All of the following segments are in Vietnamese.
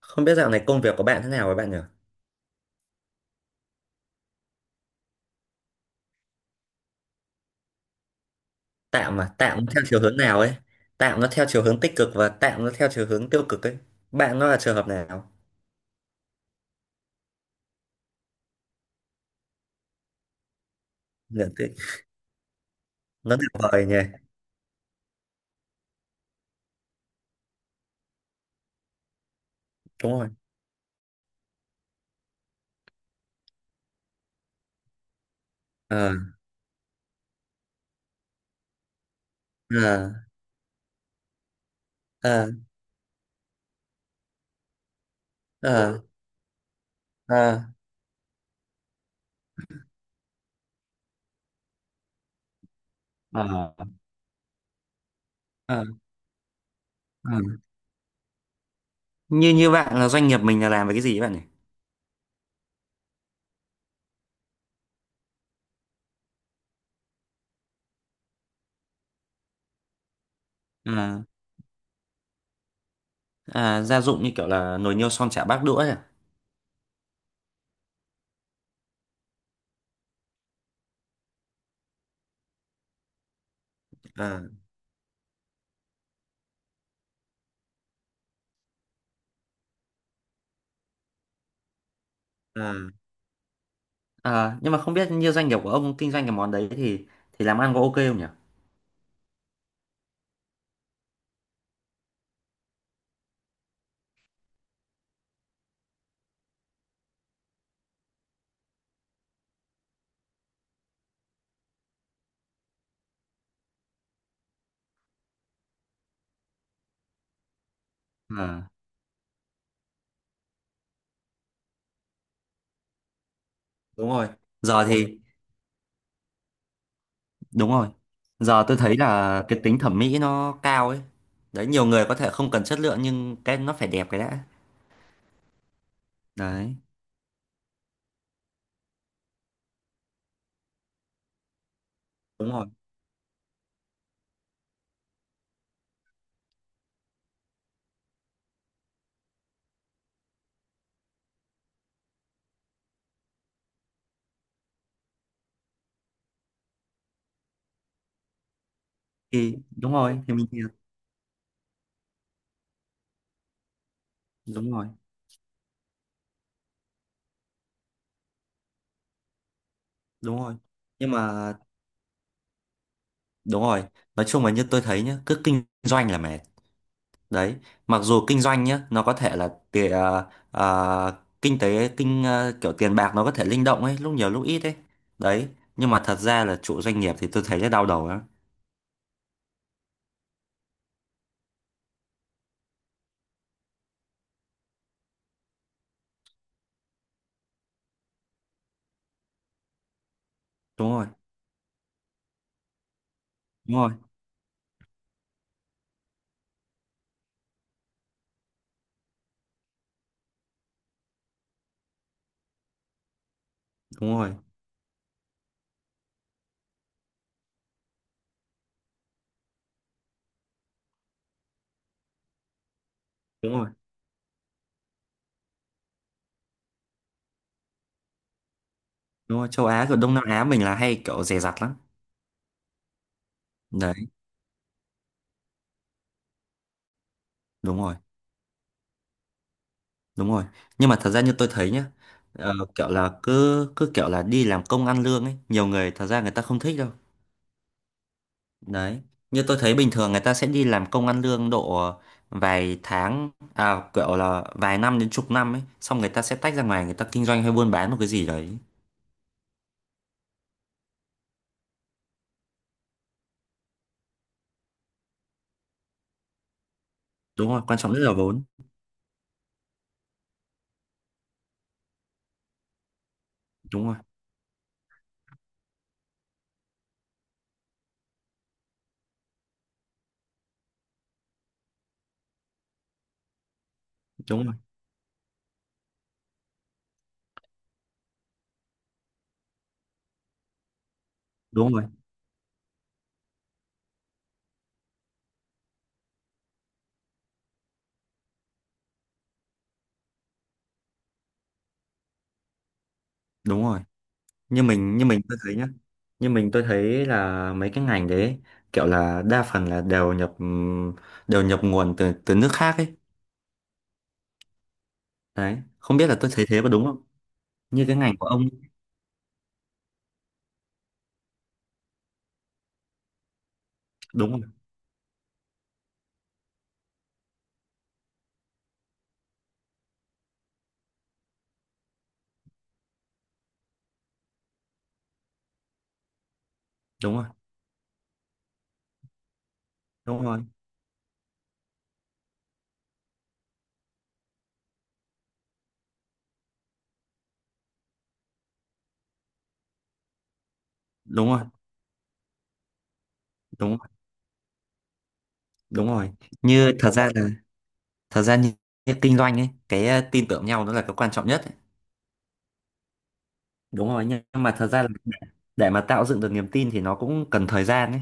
Không biết dạo này công việc của bạn thế nào với bạn nhỉ? Tạm mà, tạm nó theo chiều hướng nào ấy? Tạm nó theo chiều hướng tích cực và tạm nó theo chiều hướng tiêu cực ấy. Bạn nó là trường hợp nào? Nhận tích. Nó tuyệt vời nhỉ. Đúng rồi. Ờ, ờ, ờ, ờ, ờ, ờ, ờ, ờ. Như như bạn là doanh nghiệp mình là làm về cái gì ấy bạn nhỉ? Ờ, à, gia dụng như kiểu là nồi niêu son chả bát đũa ấy à? À, à. Ờ, nhưng mà không biết như doanh nghiệp của ông kinh doanh cái món đấy thì làm ăn có OK không nhỉ? Ờ, đúng rồi. Giờ thì đúng rồi. Giờ tôi thấy là cái tính thẩm mỹ nó cao ấy. Đấy, nhiều người có thể không cần chất lượng nhưng cái nó phải đẹp cái đã. Đấy, đúng rồi. Thì đúng rồi, thì mình thiệt. Đúng rồi, đúng rồi. Nhưng mà đúng rồi, nói chung là như tôi thấy nhá, cứ kinh doanh là mệt. Đấy, mặc dù kinh doanh nhá, nó có thể là tiền kinh tế kinh kiểu tiền bạc nó có thể linh động ấy, lúc nhiều lúc ít ấy. Đấy, nhưng mà thật ra là chủ doanh nghiệp thì tôi thấy là đau đầu lắm. Đúng rồi, đúng rồi, đúng rồi, đúng rồi. Đúng rồi, châu Á rồi Đông Nam Á mình là hay kiểu dè dặt lắm. Đấy, đúng rồi, đúng rồi. Nhưng mà thật ra như tôi thấy nhá, kiểu là cứ cứ kiểu là đi làm công ăn lương ấy, nhiều người thật ra người ta không thích đâu. Đấy, như tôi thấy bình thường người ta sẽ đi làm công ăn lương độ vài tháng, à kiểu là vài năm đến chục năm ấy, xong người ta sẽ tách ra ngoài người ta kinh doanh hay buôn bán một cái gì đấy. Đúng rồi, quan trọng nhất là vốn. Đúng rồi, đúng rồi, đúng rồi, đúng rồi. Như mình tôi thấy nhá, như mình tôi thấy là mấy cái ngành đấy kiểu là đa phần là đều nhập nguồn từ từ nước khác ấy. Đấy, không biết là tôi thấy thế có đúng không, như cái ngành của ông. Đúng rồi, đúng rồi, đúng rồi, đúng rồi, đúng rồi, đúng rồi. Như thật ra là, thật ra như, như kinh doanh ấy cái tin tưởng nhau nó là cái quan trọng nhất ấy. Đúng rồi, nhưng mà thật ra là để mà tạo dựng được niềm tin thì nó cũng cần thời gian ấy,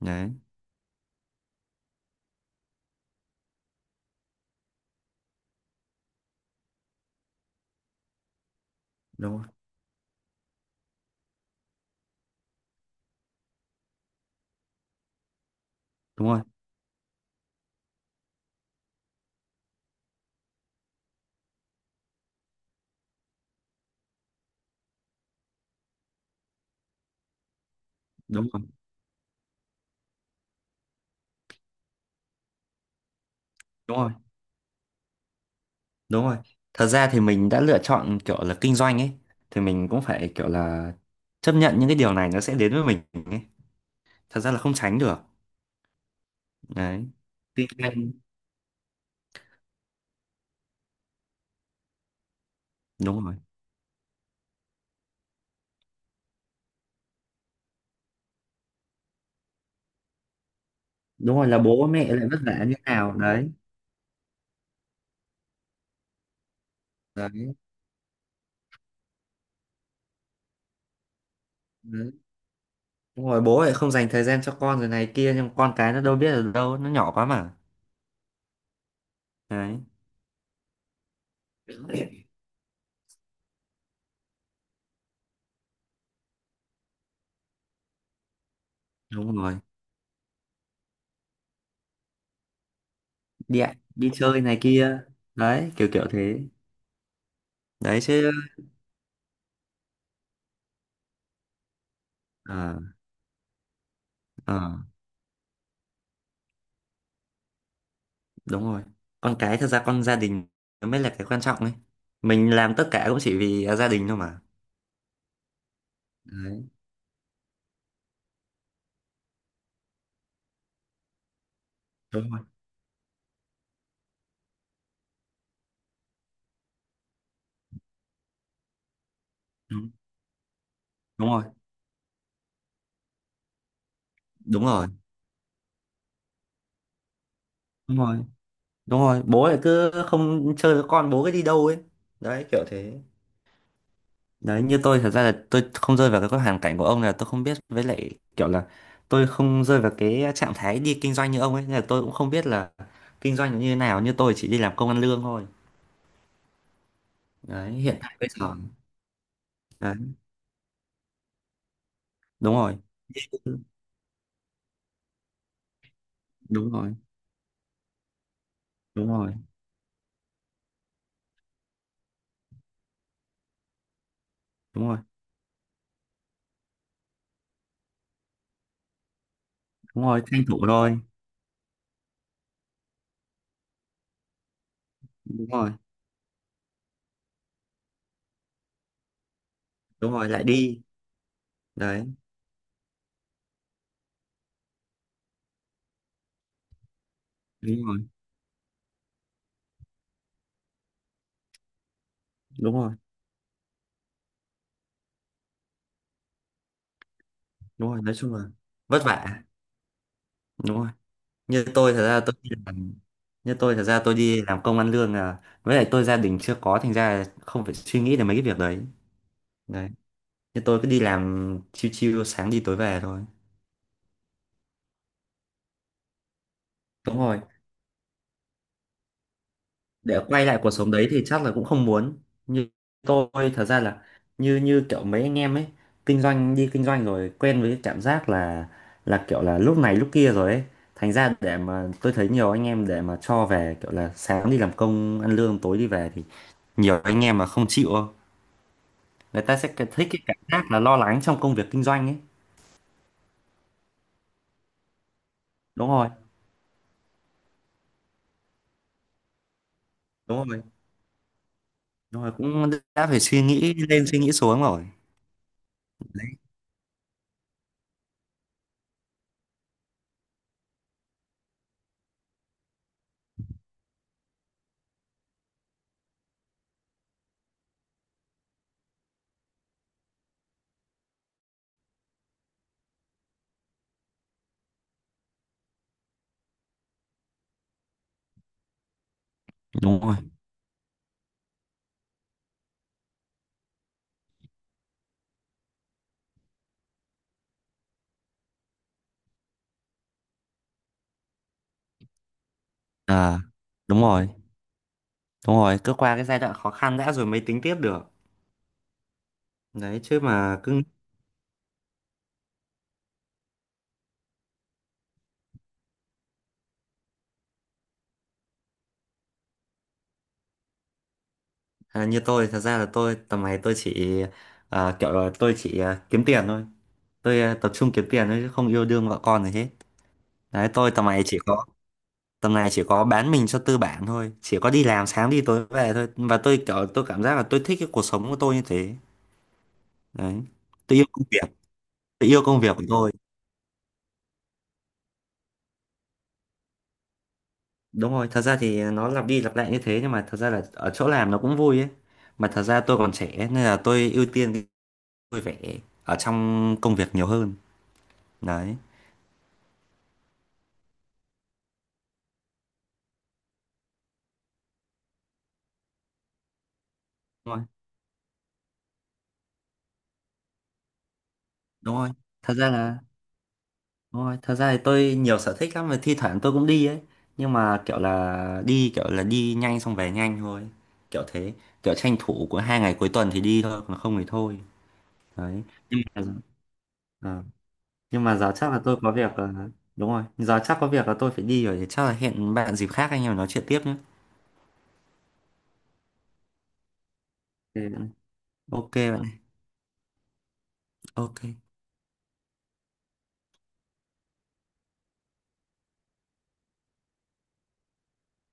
đấy. Đúng rồi, đúng rồi, đúng rồi, đúng rồi. Đúng rồi. Thật ra thì mình đã lựa chọn kiểu là kinh doanh ấy thì mình cũng phải kiểu là chấp nhận những cái điều này nó sẽ đến với mình ấy. Thật ra là không tránh được. Đấy. Tuy nhiên đúng rồi. Đúng rồi là bố mẹ lại vất vả như nào đấy. Đấy. Đấy. Đúng rồi bố lại không dành thời gian cho con rồi này kia nhưng con cái nó đâu biết ở đâu, nó nhỏ quá mà. Đấy. Đúng rồi. Đi ạ, đi chơi này kia. Đấy, kiểu kiểu thế. Đấy chứ. Ờ, ờ. Đúng rồi, con cái thật ra con gia đình nó mới là cái quan trọng ấy, mình làm tất cả cũng chỉ vì à, gia đình thôi mà. Đấy, đúng rồi. đúng, đúng rồi, đúng rồi, đúng rồi, đúng rồi bố lại cứ không chơi với con bố cứ đi đâu ấy. Đấy kiểu thế. Đấy, như tôi thật ra là tôi không rơi vào cái hoàn cảnh của ông là tôi không biết với lại kiểu là tôi không rơi vào cái trạng thái đi kinh doanh như ông ấy nên là tôi cũng không biết là kinh doanh như thế nào, như tôi chỉ đi làm công ăn lương thôi. Đấy hiện tại bây giờ. Đấy, đúng rồi, đúng rồi, đúng rồi, đúng rồi, đúng rồi tranh thủ rồi, đúng rồi, đúng rồi lại đi. Đấy, đúng rồi, đúng rồi, đúng rồi nói chung là vất vả. Đúng rồi, như tôi thật ra tôi đi làm, như tôi thật ra tôi đi làm công ăn lương là với lại tôi gia đình chưa có thành ra là không phải suy nghĩ đến mấy cái việc đấy. Đấy, như tôi cứ đi làm chiêu chiêu sáng đi tối về thôi. Đúng rồi, để quay lại cuộc sống đấy thì chắc là cũng không muốn. Như tôi thật ra là như như kiểu mấy anh em ấy, kinh doanh đi kinh doanh rồi quen với cái cảm giác là kiểu là lúc này lúc kia rồi ấy, thành ra để mà tôi thấy nhiều anh em để mà cho về kiểu là sáng đi làm công ăn lương tối đi về thì nhiều anh em mà không chịu đâu. Người ta sẽ cái- thích cái cảm giác là lo lắng trong công việc kinh doanh ấy. Đúng rồi, đúng rồi, đúng rồi cũng đã phải suy nghĩ lên suy nghĩ xuống rồi. Đúng rồi, à, đúng rồi. Đúng rồi, cứ qua cái giai đoạn khó khăn đã rồi mới tính tiếp được. Đấy, chứ mà cứ à, như tôi, thật ra là tôi tầm này tôi chỉ à, kiểu là tôi chỉ à, kiếm tiền thôi. Tôi à, tập trung kiếm tiền thôi chứ không yêu đương vợ con gì hết. Đấy, tôi tầm này chỉ có tầm này chỉ có bán mình cho tư bản thôi, chỉ có đi làm sáng đi tối về thôi. Và tôi kiểu tôi cảm giác là tôi thích cái cuộc sống của tôi như thế. Đấy. Tôi yêu công việc, tôi yêu công việc của tôi. Đúng rồi, thật ra thì nó lặp đi lặp lại như thế nhưng mà thật ra là ở chỗ làm nó cũng vui ấy. Mà thật ra tôi còn trẻ nên là tôi ưu tiên vui vẻ ở trong công việc nhiều hơn. Đấy, đúng rồi, đúng rồi thật ra là, đúng rồi thật ra thì tôi nhiều sở thích lắm mà thi thoảng tôi cũng đi ấy, nhưng mà kiểu là đi nhanh xong về nhanh thôi kiểu thế, kiểu tranh thủ của hai ngày cuối tuần thì đi thôi còn không thì thôi. Đấy, nhưng mà ờ, nhưng mà giờ chắc là tôi có việc, đúng rồi giờ chắc có việc là tôi phải đi rồi thì chắc là hẹn bạn dịp khác anh em nói chuyện tiếp nhé. OK bạn ơi, OK bạn ơi. OK.